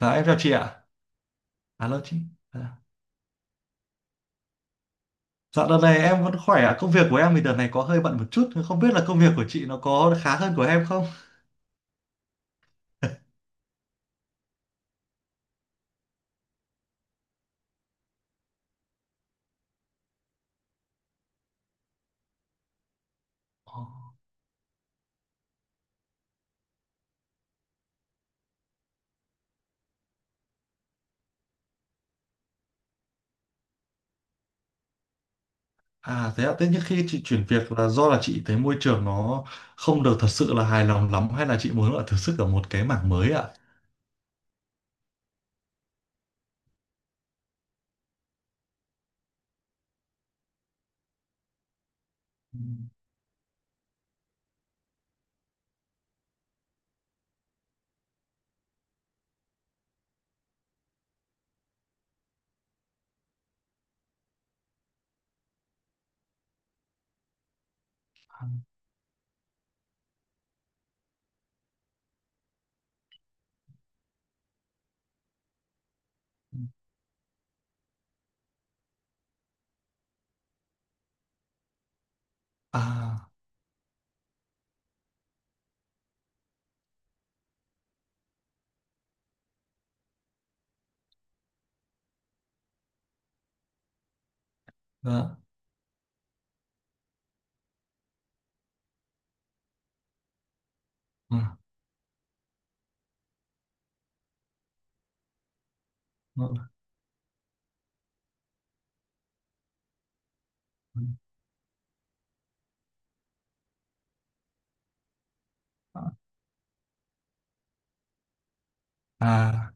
Dạ em chào chị ạ. À lâu chị. Dạ Dạ, đợt này em vẫn khỏe ạ. Công việc của em thì đợt này có hơi bận một chút. Không biết là công việc của chị nó có khá hơn của em không? Ồ. À thế ạ. Thế nhưng khi chị chuyển việc là do là chị thấy môi trường nó không được thật sự là hài lòng lắm hay là chị muốn là thử sức ở một cái mảng mới ạ? Ừ. À dạ. Ừ. Ừ. À. À.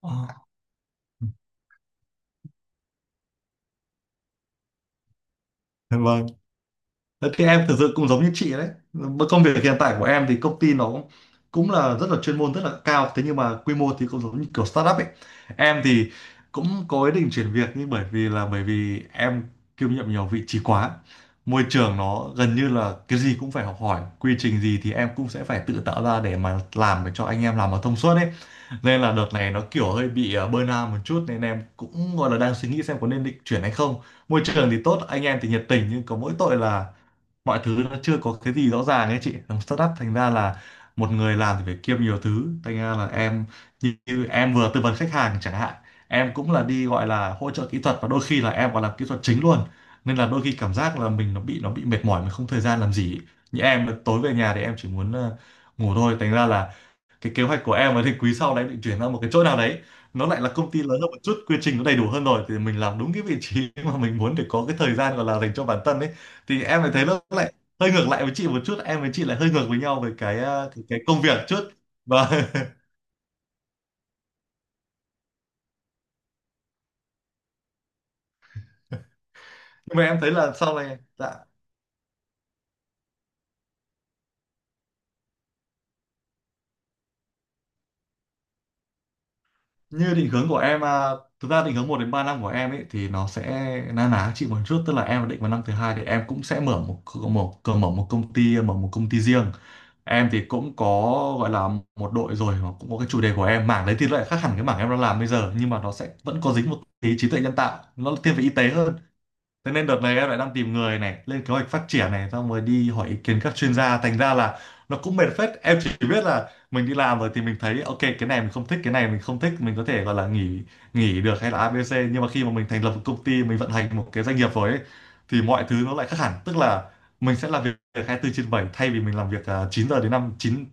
Ờ. Vâng. Đấy, thì em thực sự cũng giống như chị đấy. Với công việc hiện tại của em thì công ty nó cũng cũng là rất là chuyên môn, rất là cao. Thế nhưng mà quy mô thì cũng giống như kiểu startup ấy. Em thì cũng có ý định chuyển việc, nhưng bởi vì em kiêm nhiệm nhiều vị trí quá. Môi trường nó gần như là cái gì cũng phải học hỏi. Quy trình gì thì em cũng sẽ phải tự tạo ra để mà làm, để cho anh em làm mà thông suốt ấy. Nên là đợt này nó kiểu hơi bị burnout một chút, nên em cũng gọi là đang suy nghĩ xem có nên định chuyển hay không. Môi trường thì tốt, anh em thì nhiệt tình, nhưng có mỗi tội là mọi thứ nó chưa có cái gì rõ ràng ấy, chị làm startup thành ra là một người làm thì phải kiêm nhiều thứ, thành ra là em như em vừa tư vấn khách hàng chẳng hạn, em cũng là đi gọi là hỗ trợ kỹ thuật, và đôi khi là em còn làm kỹ thuật chính luôn. Nên là đôi khi cảm giác là mình nó bị mệt mỏi, mình không thời gian làm gì, như em tối về nhà thì em chỉ muốn ngủ thôi. Thành ra là cái kế hoạch của em ấy thì quý sau đấy định chuyển ra một cái chỗ nào đấy, nó lại là công ty lớn hơn một chút, quy trình nó đầy đủ hơn, rồi thì mình làm đúng cái vị trí mà mình muốn, để có cái thời gian gọi là dành cho bản thân ấy. Thì em lại thấy nó lại hơi ngược lại với chị một chút, em với chị lại hơi ngược với nhau về cái công việc chút. Và nhưng mà em thấy là sau này, dạ, như định hướng của em à, thực ra định hướng 1 đến 3 năm của em ấy thì nó sẽ na ná chị một chút, tức là em định vào năm thứ hai thì em cũng sẽ mở một công ty riêng. Em thì cũng có gọi là một đội rồi, mà cũng có cái chủ đề của em, mảng đấy thì lại khác hẳn cái mảng em đang làm bây giờ, nhưng mà nó sẽ vẫn có dính một tí trí tuệ nhân tạo, nó thiên về y tế hơn. Thế nên đợt này em lại đang tìm người này, lên kế hoạch phát triển này, xong rồi đi hỏi ý kiến các chuyên gia. Thành ra là nó cũng mệt phết. Em chỉ biết là mình đi làm rồi thì mình thấy ok, cái này mình không thích, cái này mình không thích, mình có thể gọi là nghỉ nghỉ được, hay là ABC. Nhưng mà khi mà mình thành lập một công ty, mình vận hành một cái doanh nghiệp rồi ấy, thì mọi thứ nó lại khác hẳn. Tức là mình sẽ làm việc 24/7, thay vì mình làm việc 9 giờ đến năm, 9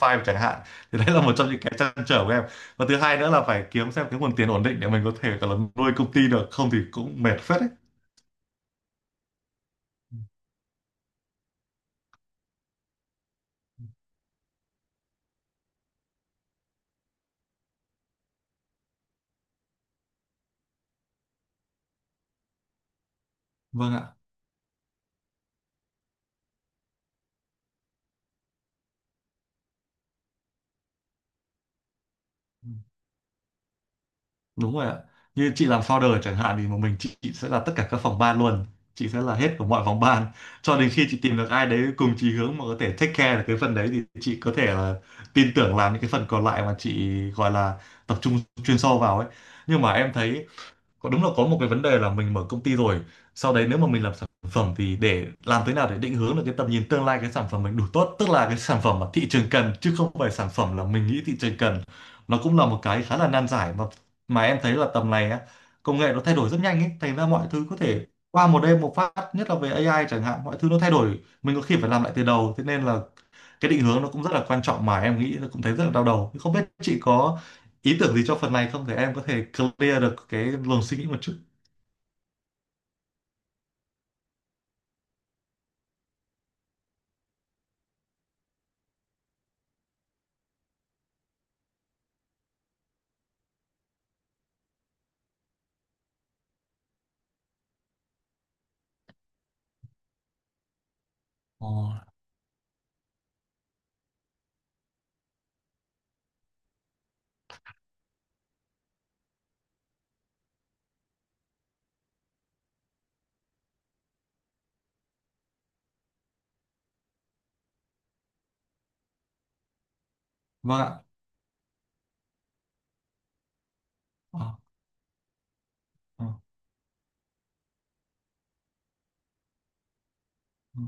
to 5 chẳng hạn. Thì đấy là một trong những cái trăn trở của em. Và thứ hai nữa là phải kiếm xem cái nguồn tiền ổn định để mình có thể gọi là nuôi công ty được, không thì cũng mệt phết đấy. Vâng ạ. Ừ, đúng rồi ạ. Như chị làm founder chẳng hạn thì một mình chị sẽ là tất cả các phòng ban luôn. Chị sẽ là hết của mọi phòng ban. Cho đến khi chị tìm được ai đấy cùng chí hướng mà có thể take care được cái phần đấy, thì chị có thể là tin tưởng làm những cái phần còn lại mà chị gọi là tập trung chuyên sâu vào ấy. Nhưng mà em thấy có đúng là có một cái vấn đề là mình mở công ty rồi, sau đấy nếu mà mình làm sản phẩm thì để làm thế nào để định hướng được cái tầm nhìn tương lai, cái sản phẩm mình đủ tốt, tức là cái sản phẩm mà thị trường cần chứ không phải sản phẩm là mình nghĩ thị trường cần, nó cũng là một cái khá là nan giải. Mà em thấy là tầm này á, công nghệ nó thay đổi rất nhanh ấy, thành ra mọi thứ có thể qua một đêm một phát, nhất là về AI chẳng hạn, mọi thứ nó thay đổi, mình có khi phải làm lại từ đầu. Thế nên là cái định hướng nó cũng rất là quan trọng, mà em nghĩ là cũng thấy rất là đau đầu, không biết chị có ý tưởng gì cho phần này không, để em có thể clear được cái luồng suy nghĩ một chút. Ờ, vâng ạ. Ờ, ờ, ừ.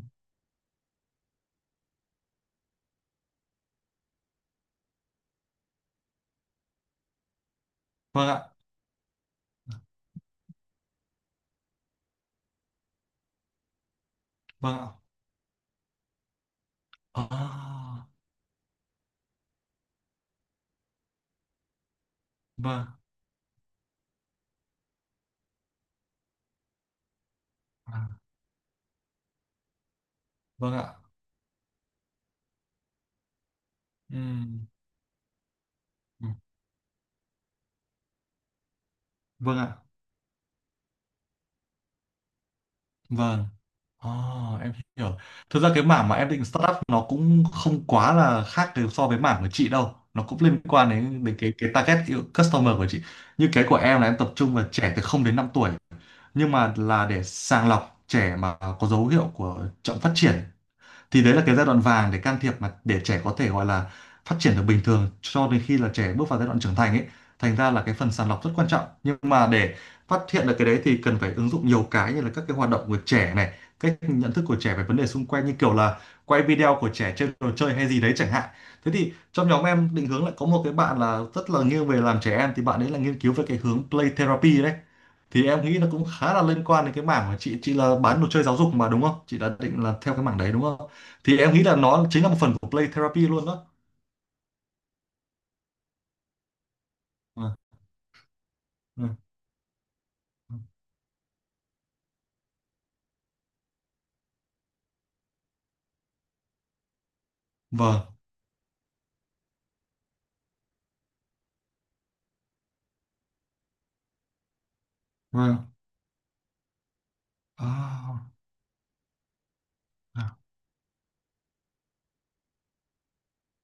Vâng ạ. Vâng ạ. À, vâng. À, vâng ạ. Ừm, ừ, vâng ạ. Vâng. À, em hiểu. Thực ra cái mảng mà em định start up nó cũng không quá là khác từ so với mảng của chị đâu, nó cũng liên quan đến đến cái target customer của chị. Như cái của em là em tập trung vào trẻ từ 0 đến 5 tuổi, nhưng mà là để sàng lọc trẻ mà có dấu hiệu của chậm phát triển. Thì đấy là cái giai đoạn vàng để can thiệp, mà để trẻ có thể gọi là phát triển được bình thường cho đến khi là trẻ bước vào giai đoạn trưởng thành ấy. Thành ra là cái phần sàng lọc rất quan trọng, nhưng mà để phát hiện được cái đấy thì cần phải ứng dụng nhiều cái như là các cái hoạt động của trẻ này, cách nhận thức của trẻ về vấn đề xung quanh, như kiểu là quay video của trẻ chơi đồ chơi hay gì đấy chẳng hạn. Thế thì trong nhóm em định hướng lại có một cái bạn là rất là nghiêng về làm trẻ em, thì bạn ấy là nghiên cứu về cái hướng play therapy đấy, thì em nghĩ nó cũng khá là liên quan đến cái mảng mà chị là bán đồ chơi giáo dục, mà đúng không, chị đã định là theo cái mảng đấy đúng không? Thì em nghĩ là nó chính là một phần của play therapy luôn đó. Vâng, vâng. Vâng, vâng. À,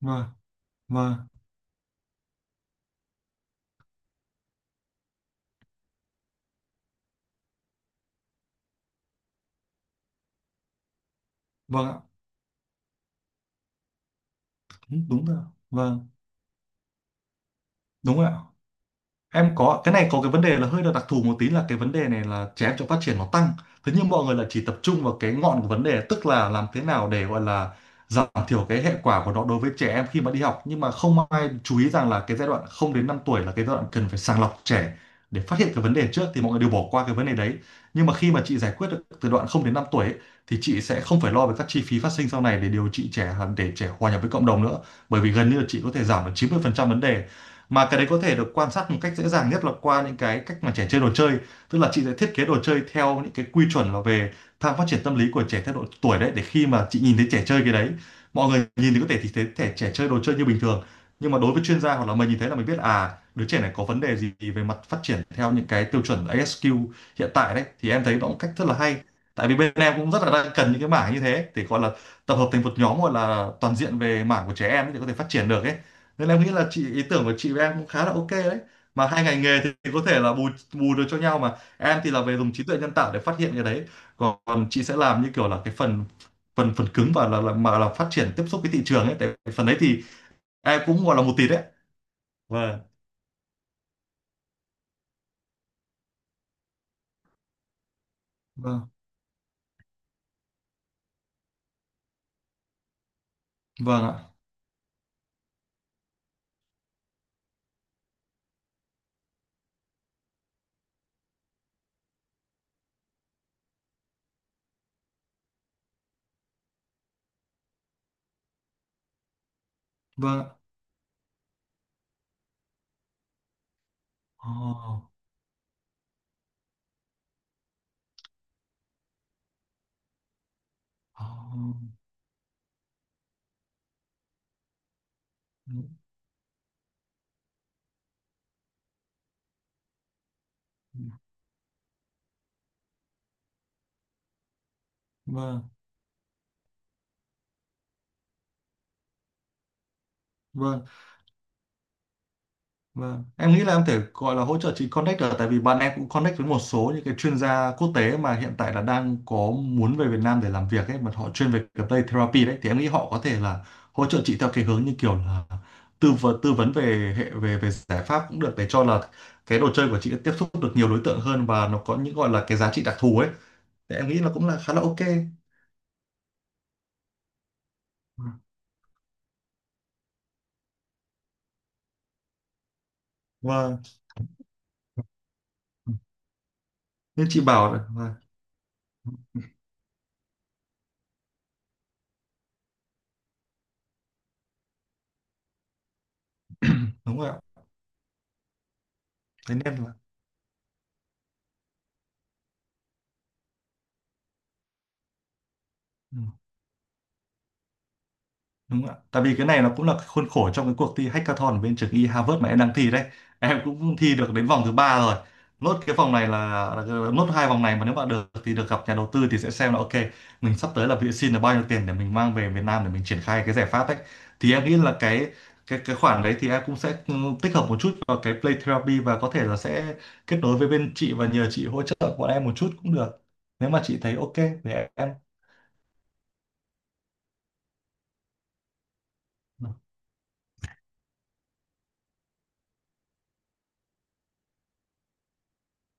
vâng. Vâng, vâng. Vâng ạ. Đúng đúng rồi Vâng. Đúng rồi ạ. Em có cái này, có cái vấn đề là hơi là đặc thù một tí, là cái vấn đề này là trẻ em trong phát triển nó tăng. Thế nhưng mọi người là chỉ tập trung vào cái ngọn của vấn đề, tức là làm thế nào để gọi là giảm thiểu cái hệ quả của nó đối với trẻ em khi mà đi học, nhưng mà không ai chú ý rằng là cái giai đoạn 0 đến 5 tuổi là cái giai đoạn cần phải sàng lọc trẻ để phát hiện cái vấn đề trước, thì mọi người đều bỏ qua cái vấn đề đấy. Nhưng mà khi mà chị giải quyết được từ đoạn 0 đến 5 tuổi ấy, thì chị sẽ không phải lo về các chi phí phát sinh sau này để điều trị trẻ, để trẻ hòa nhập với cộng đồng nữa, bởi vì gần như là chị có thể giảm được 90% vấn đề, mà cái đấy có thể được quan sát một cách dễ dàng nhất là qua những cái cách mà trẻ chơi đồ chơi. Tức là chị sẽ thiết kế đồ chơi theo những cái quy chuẩn là về tham phát triển tâm lý của trẻ theo độ tuổi đấy, để khi mà chị nhìn thấy trẻ chơi cái đấy, mọi người nhìn thì có thể thì thấy trẻ trẻ chơi đồ chơi như bình thường, nhưng mà đối với chuyên gia hoặc là mình nhìn thấy là mình biết à, đứa trẻ này có vấn đề gì về mặt phát triển theo những cái tiêu chuẩn ASQ hiện tại đấy. Thì em thấy đó là một cách rất là hay, tại vì bên em cũng rất là đang cần những cái mảng như thế để gọi là tập hợp thành một nhóm gọi là toàn diện về mảng của trẻ em ấy, để có thể phát triển được ấy. Nên em nghĩ là chị, ý tưởng của chị với em cũng khá là ok đấy, mà hai ngành nghề thì có thể là bù bù được cho nhau, mà em thì là về dùng trí tuệ nhân tạo để phát hiện cái đấy, còn chị sẽ làm như kiểu là cái phần phần phần cứng và là phát triển tiếp xúc với thị trường ấy, tại vì phần đấy thì em cũng gọi là một tí đấy. Vâng, vâng. Vâng ạ. Vâng ạ. Ồ, ồ, vâng, vâng. Vâng. Em nghĩ là em thể gọi là hỗ trợ chị connect được, tại vì bạn em cũng connect với một số những cái chuyên gia quốc tế mà hiện tại là đang có muốn về Việt Nam để làm việc ấy, mà họ chuyên về cái play therapy đấy, thì em nghĩ họ có thể là hỗ trợ chị theo cái hướng như kiểu là tư vấn về hệ về về giải pháp cũng được, để cho là cái đồ chơi của chị tiếp xúc được nhiều đối tượng hơn và nó có những gọi là cái giá trị đặc thù ấy. Thì em nghĩ là cũng là khá là ok, và nên chị bảo là đúng rồi ạ, thế nên là ừ. Đúng ạ. Tại vì cái này nó cũng là khuôn khổ trong cái cuộc thi hackathon ở bên trường y Harvard mà em đang thi đấy. Em cũng thi được đến vòng thứ ba rồi. Nốt cái vòng này là nốt hai vòng này, mà nếu bạn được thì được gặp nhà đầu tư, thì sẽ xem là ok, mình sắp tới là bị xin là bao nhiêu tiền để mình mang về Việt Nam để mình triển khai cái giải pháp ấy. Thì em nghĩ là cái khoản đấy thì em cũng sẽ tích hợp một chút vào cái Play Therapy, và có thể là sẽ kết nối với bên chị và nhờ chị hỗ trợ bọn em một chút cũng được. Nếu mà chị thấy ok thì em.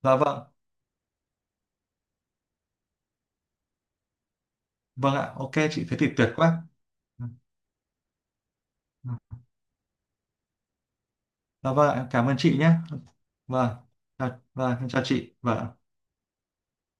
Dạ vâng. Vâng ạ. Ok chị, thế thì tuyệt quá. Dạ vâng, ạ, em cảm ơn chị nhé. Vâng, chào, vâng, em chào chị. Vâng.